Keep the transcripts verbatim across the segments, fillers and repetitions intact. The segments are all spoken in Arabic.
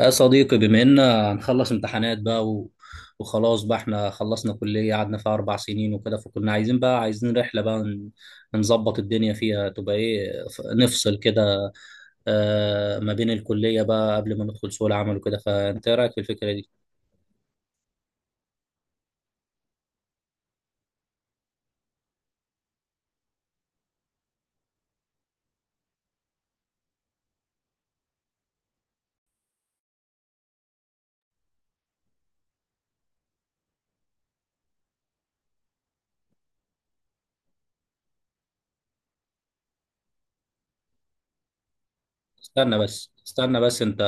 يا صديقي، بما إن هنخلص امتحانات بقى و... وخلاص بقى احنا خلصنا كلية قعدنا فيها أربع سنين وكده. فكنا عايزين بقى عايزين رحلة بقى ن- نظبط الدنيا فيها تبقى إيه، ف- نفصل كده آه ما بين الكلية بقى قبل ما ندخل سوق العمل وكده. فأنت إيه رأيك في الفكرة دي؟ استنى بس، استنى بس. أنت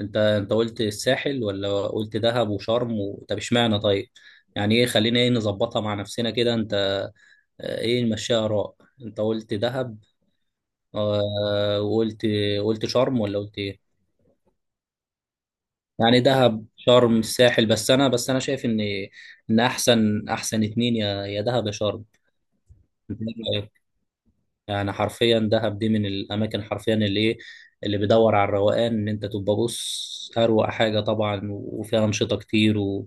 أنت أنت قلت الساحل ولا قلت دهب وشرم و... طب اشمعنى طيب؟ يعني إيه، خلينا إيه نظبطها مع نفسنا كده. أنت آه، إيه، نمشيها آراء. أنت قلت دهب، آه، وقلت قلت شرم ولا قلت ايه؟ يعني دهب، شرم، الساحل. بس انا، بس انا شايف ان ان احسن احسن اتنين يا يا دهب يا شرم. أنت إيه رأيك؟ يعني حرفيا دهب دي من الاماكن حرفيا اللي ايه اللي بدور على الروقان ان انت تبقى، بص، اروق حاجه طبعا، وفيها انشطه كتير و...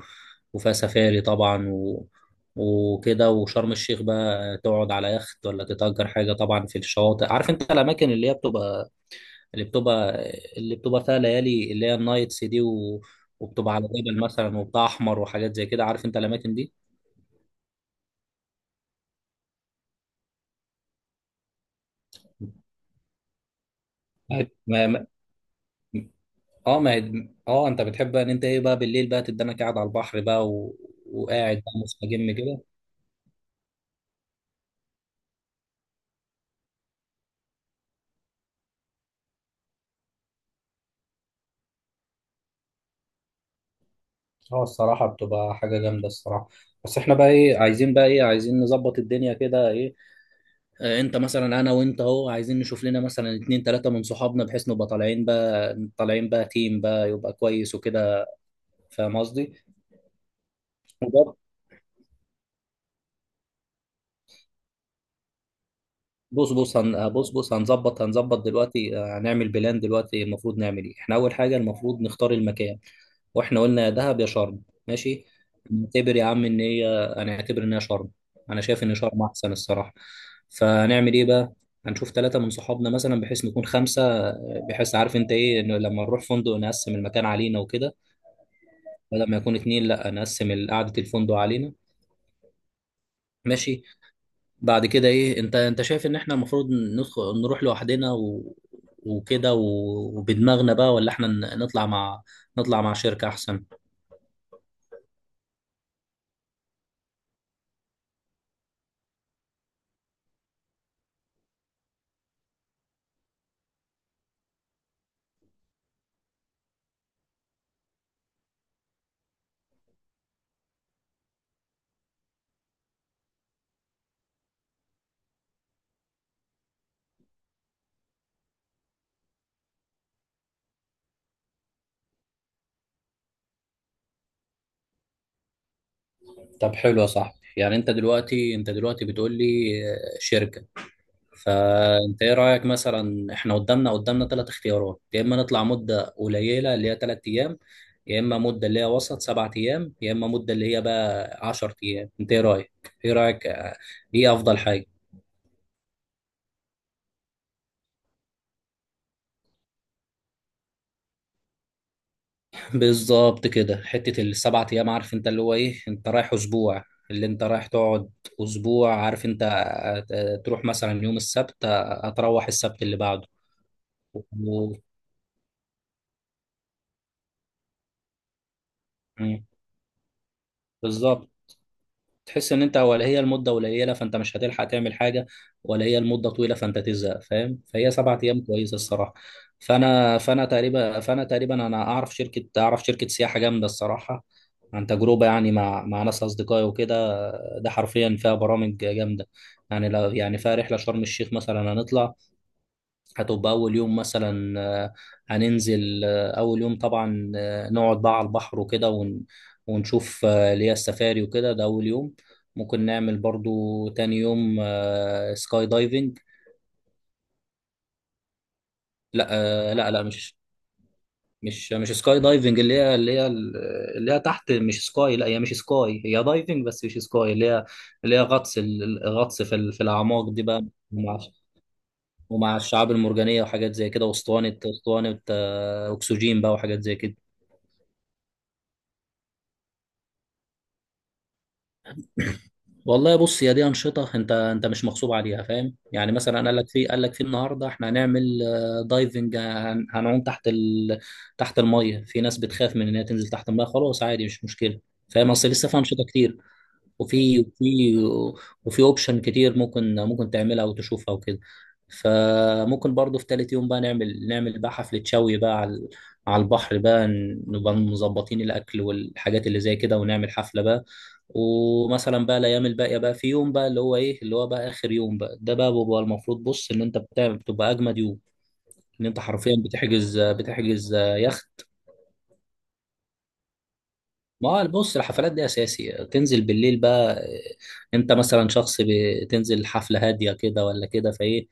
وفيها سفاري طبعا و... وكده. وشرم الشيخ بقى، تقعد على يخت ولا تتأجر حاجه طبعا في الشواطئ. عارف انت الاماكن اللي هي بتبقى، اللي بتبقى اللي بتبقى فيها ليالي اللي هي النايتس دي و... وبتبقى على جبل مثلا، وبتاع احمر وحاجات زي كده. عارف انت الاماكن دي؟ ما ما- اه ما هي- اه انت بتحب بقى ان انت ايه بقى بالليل بقى، تدنك قاعد على البحر بقى و... وقاعد بقى مستجم كده. اه، الصراحه بتبقى حاجه جامده الصراحه. بس احنا بقى ايه عايزين، بقى ايه عايزين نظبط الدنيا كده ايه. آه انت مثلا، انا وانت اهو، عايزين نشوف لنا مثلا اتنين تلاته من صحابنا، بحيث نبقى طالعين بقى، طالعين بقى تيم بقى يبقى كويس وكده. فاهم قصدي؟ بص بص، هن... بص بص هنظبط هنظبط دلوقتي. آه، هنعمل بلان دلوقتي. المفروض نعمل ايه احنا؟ اول حاجه المفروض نختار المكان، واحنا قلنا يا دهب يا شرم. ماشي. نعتبر يا عم ان هي انا اعتبر انها شرم. انا شايف ان شرم احسن الصراحه. فهنعمل ايه بقى؟ هنشوف ثلاثه من صحابنا مثلا بحيث نكون خمسه، آه، بحيث عارف انت ايه، انه لما نروح فندق نقسم المكان علينا وكده، بدل ما يكون اتنين لا نقسم قعده الفندق علينا. ماشي. بعد كده ايه، انت انت شايف ان احنا المفروض ندخل نروح لوحدنا و... وكده و... وبدماغنا بقى، ولا احنا ن- نطلع مع، نطلع مع شركة احسن؟ طب حلو يا صاحبي. يعني انت دلوقتي انت دلوقتي بتقول لي آه، شركة. فانت ايه رأيك مثلا، احنا قدامنا قدامنا ثلاث اختيارات. يا اما نطلع مدة قليلة اللي هي ثلاث ايام، يا اما مدة اللي هي وسط سبعة ايام، يا اما مدة اللي هي بقى عشر ايام. انت ايه رأيك، ايه رأيك آه، ايه افضل حاجة؟ بالظبط كده، حتة السبعة أيام. عارف أنت اللي هو إيه؟ أنت رايح أسبوع، اللي أنت رايح تقعد أسبوع. عارف أنت، آه، تروح مثلا يوم السبت، آه، هتروح السبت اللي بعده و... مم. بالظبط. تحس ان انت ولا هي المده قليله فانت مش هتلحق تعمل حاجه، ولا هي المده طويله فانت تزهق. فاهم؟ فهي سبعة ايام كويسه الصراحه. فانا فانا تقريبا فانا تقريبا انا اعرف شركه، اعرف شركه سياحه جامده الصراحه، عن تجربه يعني مع مع ناس اصدقائي وكده. ده حرفيا فيها برامج جامده. يعني لو يعني فيها رحله شرم الشيخ مثلا، هنطلع هتبقى أول يوم مثلا، آه، هننزل آه، أول يوم طبعا آه، نقعد بقى على البحر وكده، ون- ونشوف آه، اللي هي السفاري وكده. ده أول يوم. ممكن نعمل برضو تاني يوم آه، سكاي دايفنج. لا، آه، لا لا، مش مش مش سكاي دايفنج اللي هي اللي هي اللي هي تحت، مش سكاي. لا، هي مش سكاي، هي دايفنج بس مش سكاي. اللي هي اللي هي غطس، ال- الغطس في ال- في الأعماق دي بقى، ومع ومع الشعاب المرجانية، وحاجات زي كده، واسطوانة، اسطوانة آه، أكسجين بقى، وحاجات زي كده. والله بص، هي دي انشطه انت، انت مش مغصوب عليها. فاهم؟ يعني مثلا قال لك في، قال لك في النهارده احنا هنعمل آه، دايفنج، هن- هنعوم تحت ال... تحت الميه. في ناس بتخاف من ان هي تنزل تحت الميه، خلاص عادي، مش مشكله. فاهم؟ اصل لسه في انشطه كتير، وفي وفي وفي اوبشن كتير ممكن ممكن تعملها وتشوفها وكده. فممكن برضو في تالت يوم بقى، نعمل نعمل بقى حفلة شوي بقى على، على البحر بقى. ن- نبقى مظبطين الأكل والحاجات اللي زي كده، ونعمل حفلة بقى. ومثلا بقى الأيام الباقية بقى، في يوم بقى اللي هو إيه، اللي هو بقى آخر يوم بقى. ده بقى بيبقى المفروض، بص، إن أنت بتعمل بتبقى أجمد يوم. إن أنت حرفيا بتحجز، بتحجز يخت ما هو بص، الحفلات دي اساسي تنزل بالليل بقى. آه، انت مثلا شخص بتنزل حفله هاديه كده، ولا كده فايه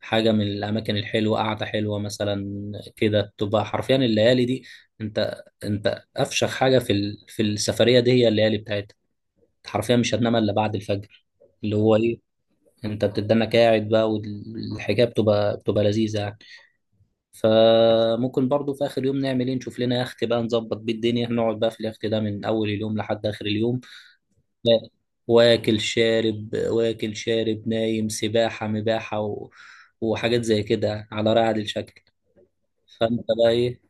حاجه من الاماكن الحلوه قاعده حلوه مثلا كده، تبقى حرفيا الليالي دي. انت انت افشخ حاجه في ال... في السفريه دي هي الليالي بتاعتها. انت حرفيا مش هتنام الا بعد الفجر، اللي هو ايه، انت بتدنك قاعد بقى، والحكايه بتبقى، بتبقى لذيذه يعني. فممكن برضو في اخر يوم نعمل ايه، نشوف لنا يخت بقى، نظبط بيه الدنيا، نقعد بقى في اليخت ده من اول اليوم لحد اخر اليوم. لا، واكل شارب واكل شارب نايم سباحة مباحة و... وحاجات زي كده على رعد الشكل. فانت بقى ايه،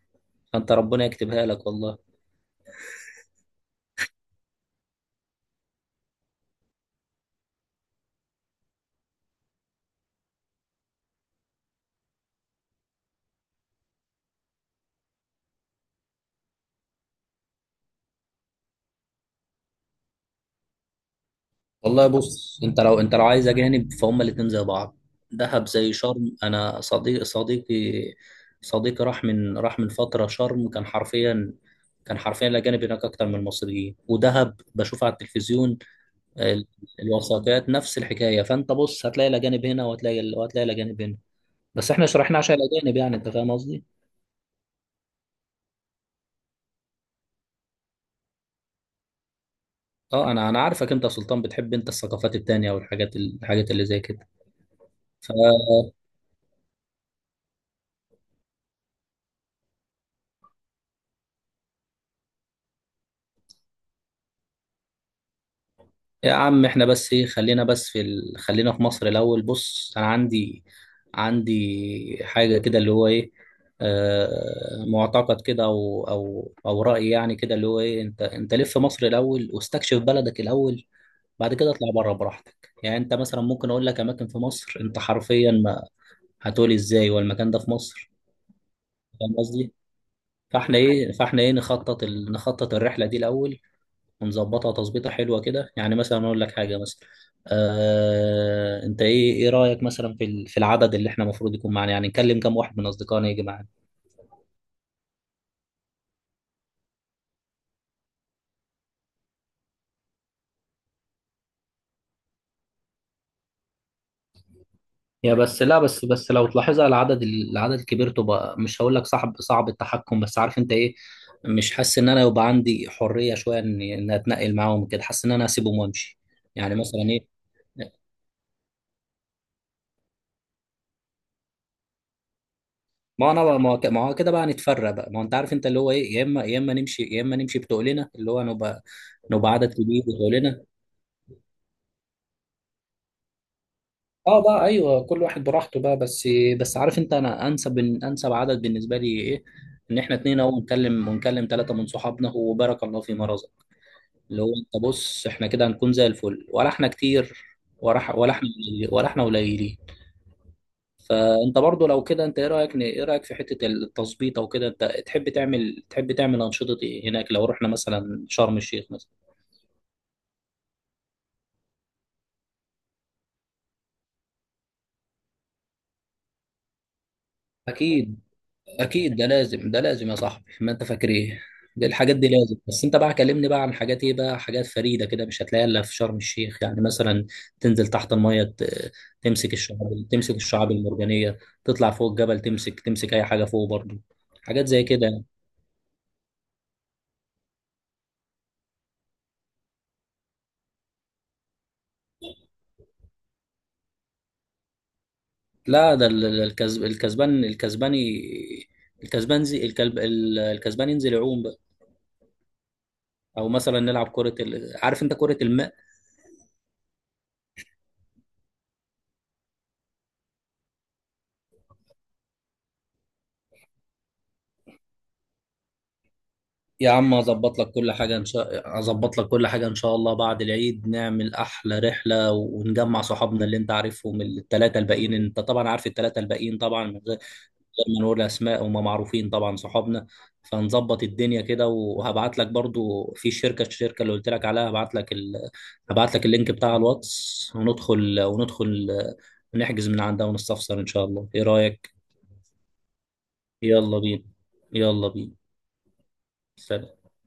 فانت ربنا يكتبها لك والله. والله بص، انت لو، انت لو عايز اجانب فهم الاتنين زي بعض. دهب زي شرم. انا صديق صديقي صديقي راح من، راح من فترة شرم كان حرفيا، كان حرفيا الاجانب هناك اكتر من المصريين. ودهب بشوف على التلفزيون، ال- الوثائقيات نفس الحكاية. فانت بص هتلاقي الاجانب هنا، وهتلاقي وهتلاقي الاجانب هنا. بس احنا شرحنا عشان الاجانب يعني، انت فاهم قصدي. اه، انا انا عارفك انت يا سلطان، بتحب انت الثقافات التانية والحاجات، الحاجات اللي زي كده. ف يا عم احنا بس ايه، خلينا بس في ال... خلينا في مصر الاول. بص انا عندي، عندي حاجة كده اللي هو ايه، آه معتقد كده، او او او رأي يعني كده اللي هو ايه، انت انت لف مصر الاول واستكشف بلدك الاول. بعد كده اطلع بره براحتك. يعني انت مثلا ممكن اقول لك اماكن في مصر انت حرفيا ما هتقولي ازاي والمكان ده في مصر. فاهم قصدي؟ فاحنا ايه، فاحنا ايه نخطط ال... نخطط الرحله دي الاول، ونظبطها تظبيطه حلوه كده. يعني مثلا اقول لك حاجه مثلا، آه... انت ايه، ايه رايك مثلا في ال... في العدد اللي احنا المفروض يكون معانا؟ يعني نكلم كام واحد من اصدقائنا يجي معانا؟ يا بس لا، بس بس لو تلاحظها العدد، ال- العدد الكبير تبقى، مش هقول لك صعب، صعب التحكم، بس عارف انت ايه، مش حاسس ان انا يبقى عندي حريه شويه ان، ان اتنقل معاهم كده. حاسس ان انا اسيبهم وامشي. يعني مثلا ايه، ما انا بقى- ما هو ك- ما هو كده بقى نتفرق بقى. ما هو انت عارف انت اللي هو ايه، يا اما يا اما نمشي يا اما نمشي بتقلنا اللي هو، نبقى نبقى عدد كبير بتقلنا. اه بقى ايوه، كل واحد براحته بقى. بس، بس عارف انت انا انسب، انسب عدد بالنسبه لي ايه؟ ان احنا اتنين اهو، ونكلم، ونكلم ثلاثه من صحابنا وبارك الله في مرزق، اللي هو انت بص احنا كده هنكون زي الفل، ولا احنا كتير ولا إح- ولا احنا قليل- ولا احنا قليلين؟ فانت برضو لو كده انت ايه رايك، ايه رايك في حته التظبيط او كده؟ انت تحب تعمل، تحب تعمل انشطه ايه هناك لو رحنا مثلا شرم الشيخ مثلا؟ اكيد اكيد، ده لازم ده لازم يا صاحبي. ما انت فاكر ايه، دي الحاجات دي لازم. بس انت بقى كلمني بقى عن حاجات ايه بقى، حاجات فريده كده مش هتلاقيها الا في شرم الشيخ. يعني مثلا، تنزل تحت الميه، ت- تمسك الشعاب، تمسك الشعاب المرجانيه، تطلع فوق الجبل، تمسك تمسك اي حاجه فوق برضو، حاجات زي كده. لا ده، ال- ال- الكسب الكسبان الكسباني الكسبان زي الكلب، ال- الكسبان ينزل يعوم بقى. او مثلا نلعب كرة ال... عارف انت، كرة الماء. يا عم اظبط لك كل حاجة، ان شاء اظبط لك كل حاجة ان شاء الله. بعد العيد نعمل احلى رحلة ونجمع صحابنا، اللي انت عارفهم الثلاثة الباقيين، انت طبعا عارف الثلاثة الباقيين طبعا، من لما نقول اسماء وما معروفين طبعا صحابنا. فنظبط الدنيا كده وهبعت لك برضو في شركه، الشركه اللي قلت لك عليها. هبعت لك ال... هبعت لك اللينك بتاع الواتس، وندخل وندخل نحجز من عندها ونستفسر ان شاء الله. ايه رايك؟ يلا بينا، يلا بينا. سلام.